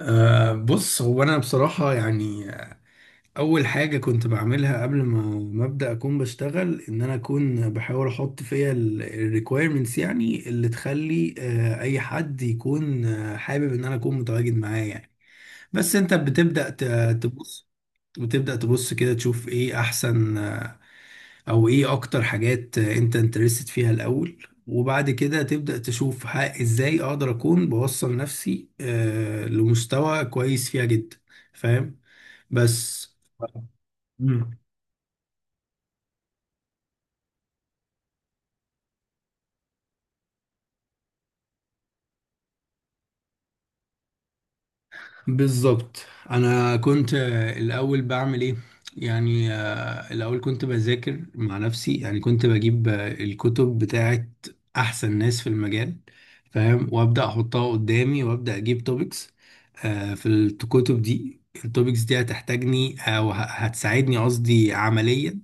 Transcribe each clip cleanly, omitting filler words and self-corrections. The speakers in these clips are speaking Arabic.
بص، هو انا بصراحة يعني اول حاجة كنت بعملها قبل ما ابدا اكون بشتغل، ان انا اكون بحاول احط فيها الريكويرمنتس، يعني اللي تخلي اي حد يكون حابب ان انا اكون متواجد معاه يعني. بس انت بتبدا تبص، بتبدا تبص كده تشوف ايه احسن، او ايه اكتر حاجات انت انترستد فيها الاول، وبعد كده تبدأ تشوف ها ازاي اقدر اكون بوصل نفسي لمستوى كويس فيها جدا. فاهم؟ بس مم. بالظبط. انا كنت الاول بعمل ايه يعني؟ الاول كنت بذاكر مع نفسي، يعني كنت بجيب الكتب بتاعت احسن ناس في المجال، فاهم؟ وابدا احطها قدامي وابدا اجيب توبكس في الكتب دي. التوبكس دي هتحتاجني او هتساعدني، قصدي عمليا،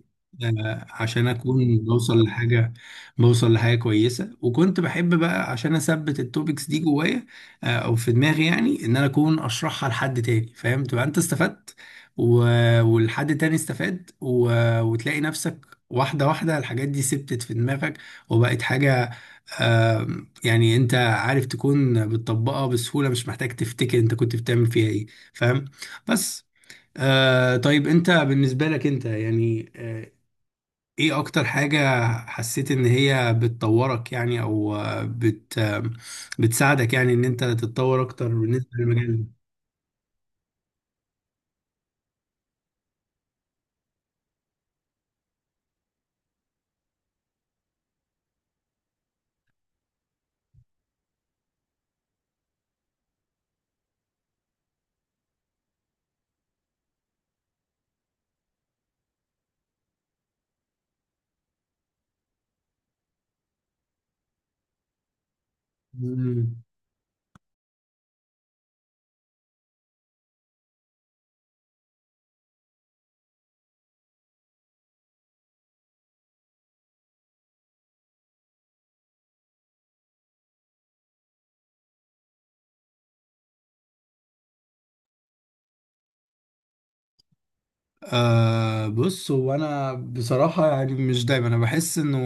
عشان اكون بوصل لحاجه كويسه، وكنت بحب بقى عشان اثبت التوبكس دي جوايا او في دماغي، يعني ان انا اكون اشرحها لحد تاني، فاهم؟ تبقى انت استفدت، و... والحد تاني استفاد، وتلاقي نفسك واحدة واحدة الحاجات دي ثبتت في دماغك وبقت حاجة، يعني انت عارف تكون بتطبقها بسهولة، مش محتاج تفتكر انت كنت بتعمل فيها ايه. فاهم؟ بس طيب، انت بالنسبة لك انت يعني ايه اكتر حاجة حسيت ان هي بتطورك يعني؟ او آه، بت آه، بتساعدك، يعني ان انت تتطور اكتر بالنسبة للمجال ده. مم. بص، هو انا بصراحة يعني مش دايما انا بحس انه،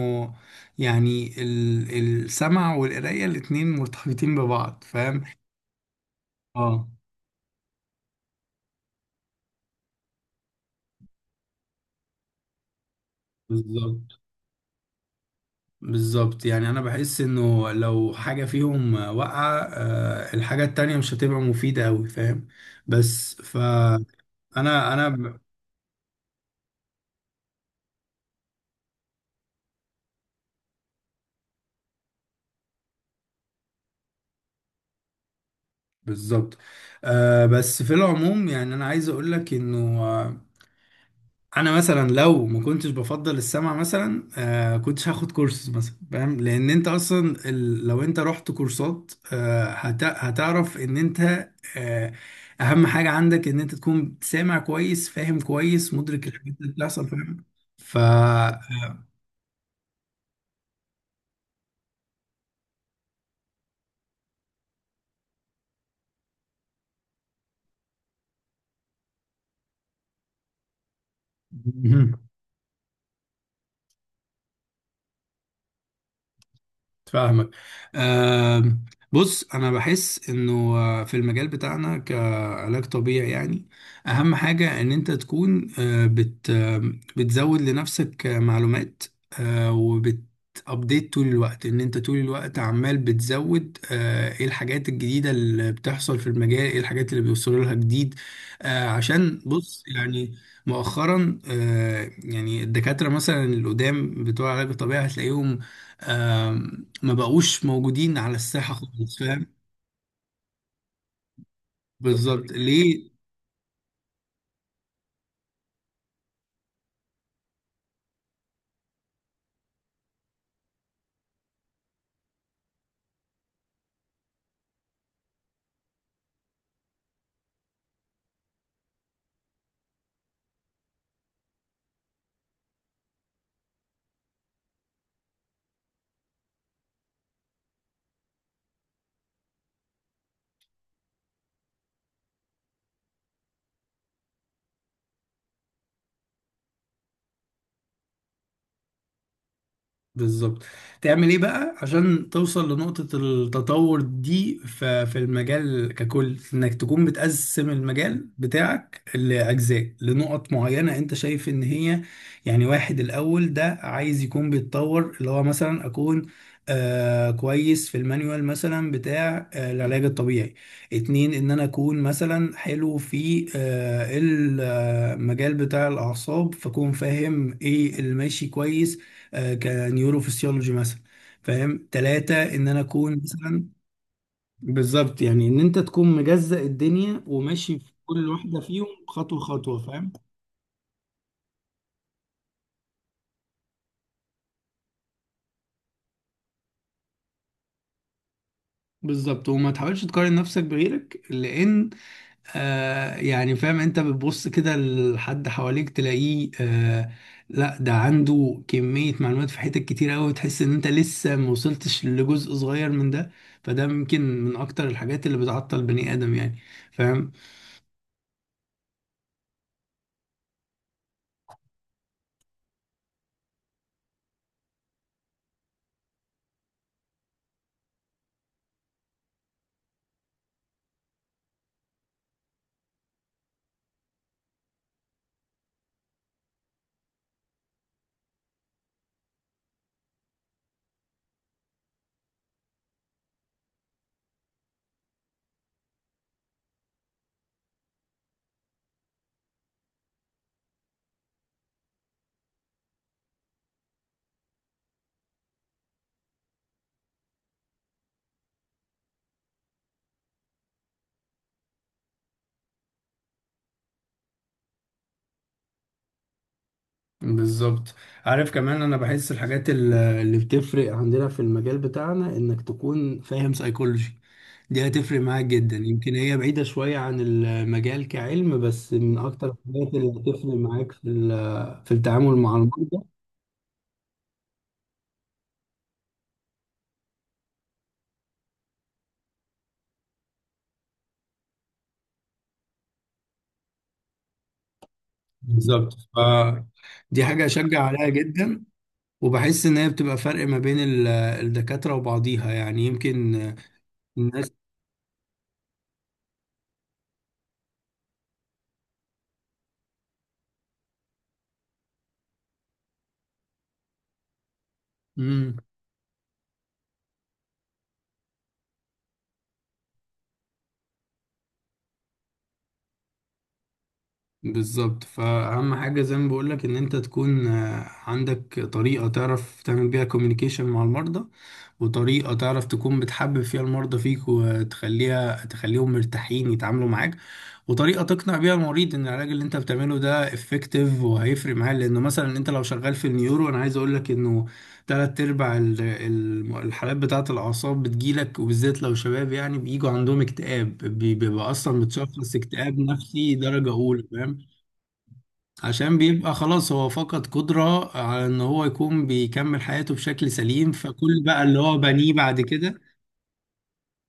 يعني السمع والقراية الاتنين مرتبطين ببعض. فاهم؟ اه، بالظبط. بالظبط، يعني انا بحس انه لو حاجة فيهم واقعة الحاجة التانية مش هتبقى مفيدة اوي. فاهم؟ بس انا بالظبط. بس في العموم يعني انا عايز اقول لك انه، انا مثلا لو ما كنتش بفضل السمع مثلا كنتش هاخد كورسز مثلا. فاهم؟ لان انت اصلا لو انت رحت كورسات هتعرف ان انت آه اهم حاجة عندك ان انت تكون سامع كويس، فاهم كويس، مدرك الحاجات اللي بتحصل. فاهم؟ ف فاهمك. آم، بص، انا بحس انه في المجال بتاعنا كعلاج طبيعي يعني اهم حاجة ان انت تكون آه، بت آم، بتزود لنفسك معلومات، آه، وبت ابديت طول الوقت، ان انت طول الوقت عمال بتزود ايه الحاجات الجديدة اللي بتحصل في المجال، ايه الحاجات اللي بيوصلوا لها جديد. عشان بص يعني مؤخرا يعني الدكاترة مثلا القدام بتوع علاج الطبيعي هتلاقيهم ما بقوش موجودين على الساحة خالص. فاهم؟ بالظبط. ليه؟ بالظبط. تعمل ايه بقى عشان توصل لنقطة التطور دي في المجال ككل؟ انك تكون بتقسم المجال بتاعك لأجزاء، لنقط معينة انت شايف ان هي يعني، واحد الأول ده عايز يكون بيتطور، اللي هو مثلا أكون كويس في المانيوال مثلا بتاع العلاج الطبيعي. اتنين ان انا اكون مثلا حلو في المجال بتاع الاعصاب، فاكون فاهم ايه اللي ماشي كويس، كنيوروفسيولوجي مثلا، فاهم؟ ثلاثة ان انا اكون مثلا، بالظبط، يعني ان انت تكون مجزأ الدنيا وماشي في كل واحدة فيهم خطوة خطوة. فاهم؟ بالظبط. وما تحاولش تقارن نفسك بغيرك، لان يعني فاهم انت بتبص كده لحد حواليك تلاقيه، لا، ده عنده كمية معلومات في حتت كتير قوي، تحس ان انت لسه ما وصلتش لجزء صغير من ده. فده ممكن من اكتر الحاجات اللي بتعطل بني ادم يعني، فاهم؟ بالظبط. عارف كمان، انا بحس الحاجات اللي بتفرق عندنا في المجال بتاعنا، انك تكون فاهم سايكولوجي، دي هتفرق معاك جدا. يمكن هي بعيدة شوية عن المجال كعلم، بس من اكتر الحاجات اللي هتفرق معاك في في التعامل مع المرضى. بالظبط. دي حاجة اشجع عليها جدا، وبحس ان هي بتبقى فرق ما بين الدكاترة وبعضيها، يعني يمكن الناس. مم. بالظبط. فأهم حاجة زي ما بقولك إن أنت تكون عندك طريقة تعرف تعمل بيها كوميونيكيشن مع المرضى، وطريقة تعرف تكون بتحبب فيها المرضى فيك، وتخليها تخليهم مرتاحين يتعاملوا معاك، وطريقة تقنع بيها المريض إن العلاج اللي أنت بتعمله ده افكتيف وهيفرق معاه. لأنه مثلا أنت لو شغال في النيورو، أنا عايز أقولك إنه تلات أرباع الحالات بتاعة الأعصاب بتجيلك، وبالذات لو شباب، يعني بيجوا عندهم اكتئاب، بيبقى أصلا متشخص اكتئاب نفسي درجة أولى. فاهم؟ عشان بيبقى خلاص هو فقد قدرة على ان هو يكون بيكمل حياته بشكل سليم، فكل بقى اللي هو بنيه بعد كده.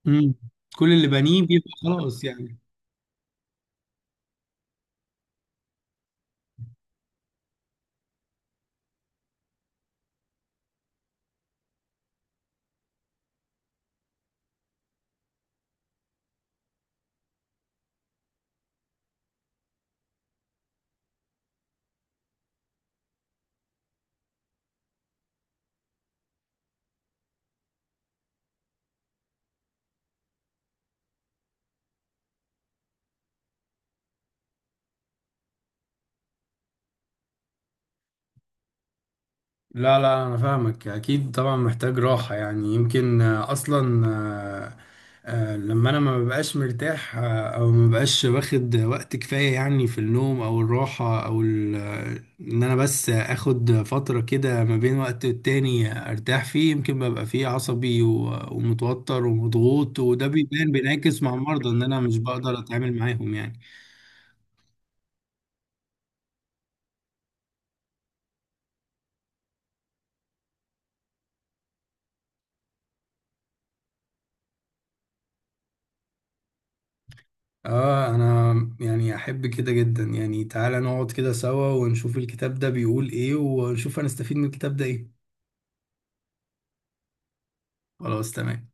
مم. كل اللي بنيه بيبقى خلاص يعني. لا، لا، انا فاهمك، اكيد طبعا محتاج راحة، يعني يمكن اصلا لما انا ما ببقاش مرتاح، او ما ببقاش واخد وقت كفاية، يعني في النوم او الراحة او ان انا بس اخد فترة كده ما بين وقت والتاني ارتاح فيه، يمكن ببقى فيه عصبي ومتوتر ومضغوط، وده بيبان بينعكس مع المرضى ان انا مش بقدر اتعامل معاهم يعني. اه، انا يعني احب كده جدا، يعني تعالى نقعد كده سوا ونشوف الكتاب ده بيقول ايه، ونشوف هنستفيد من الكتاب ده ايه. خلاص تمام.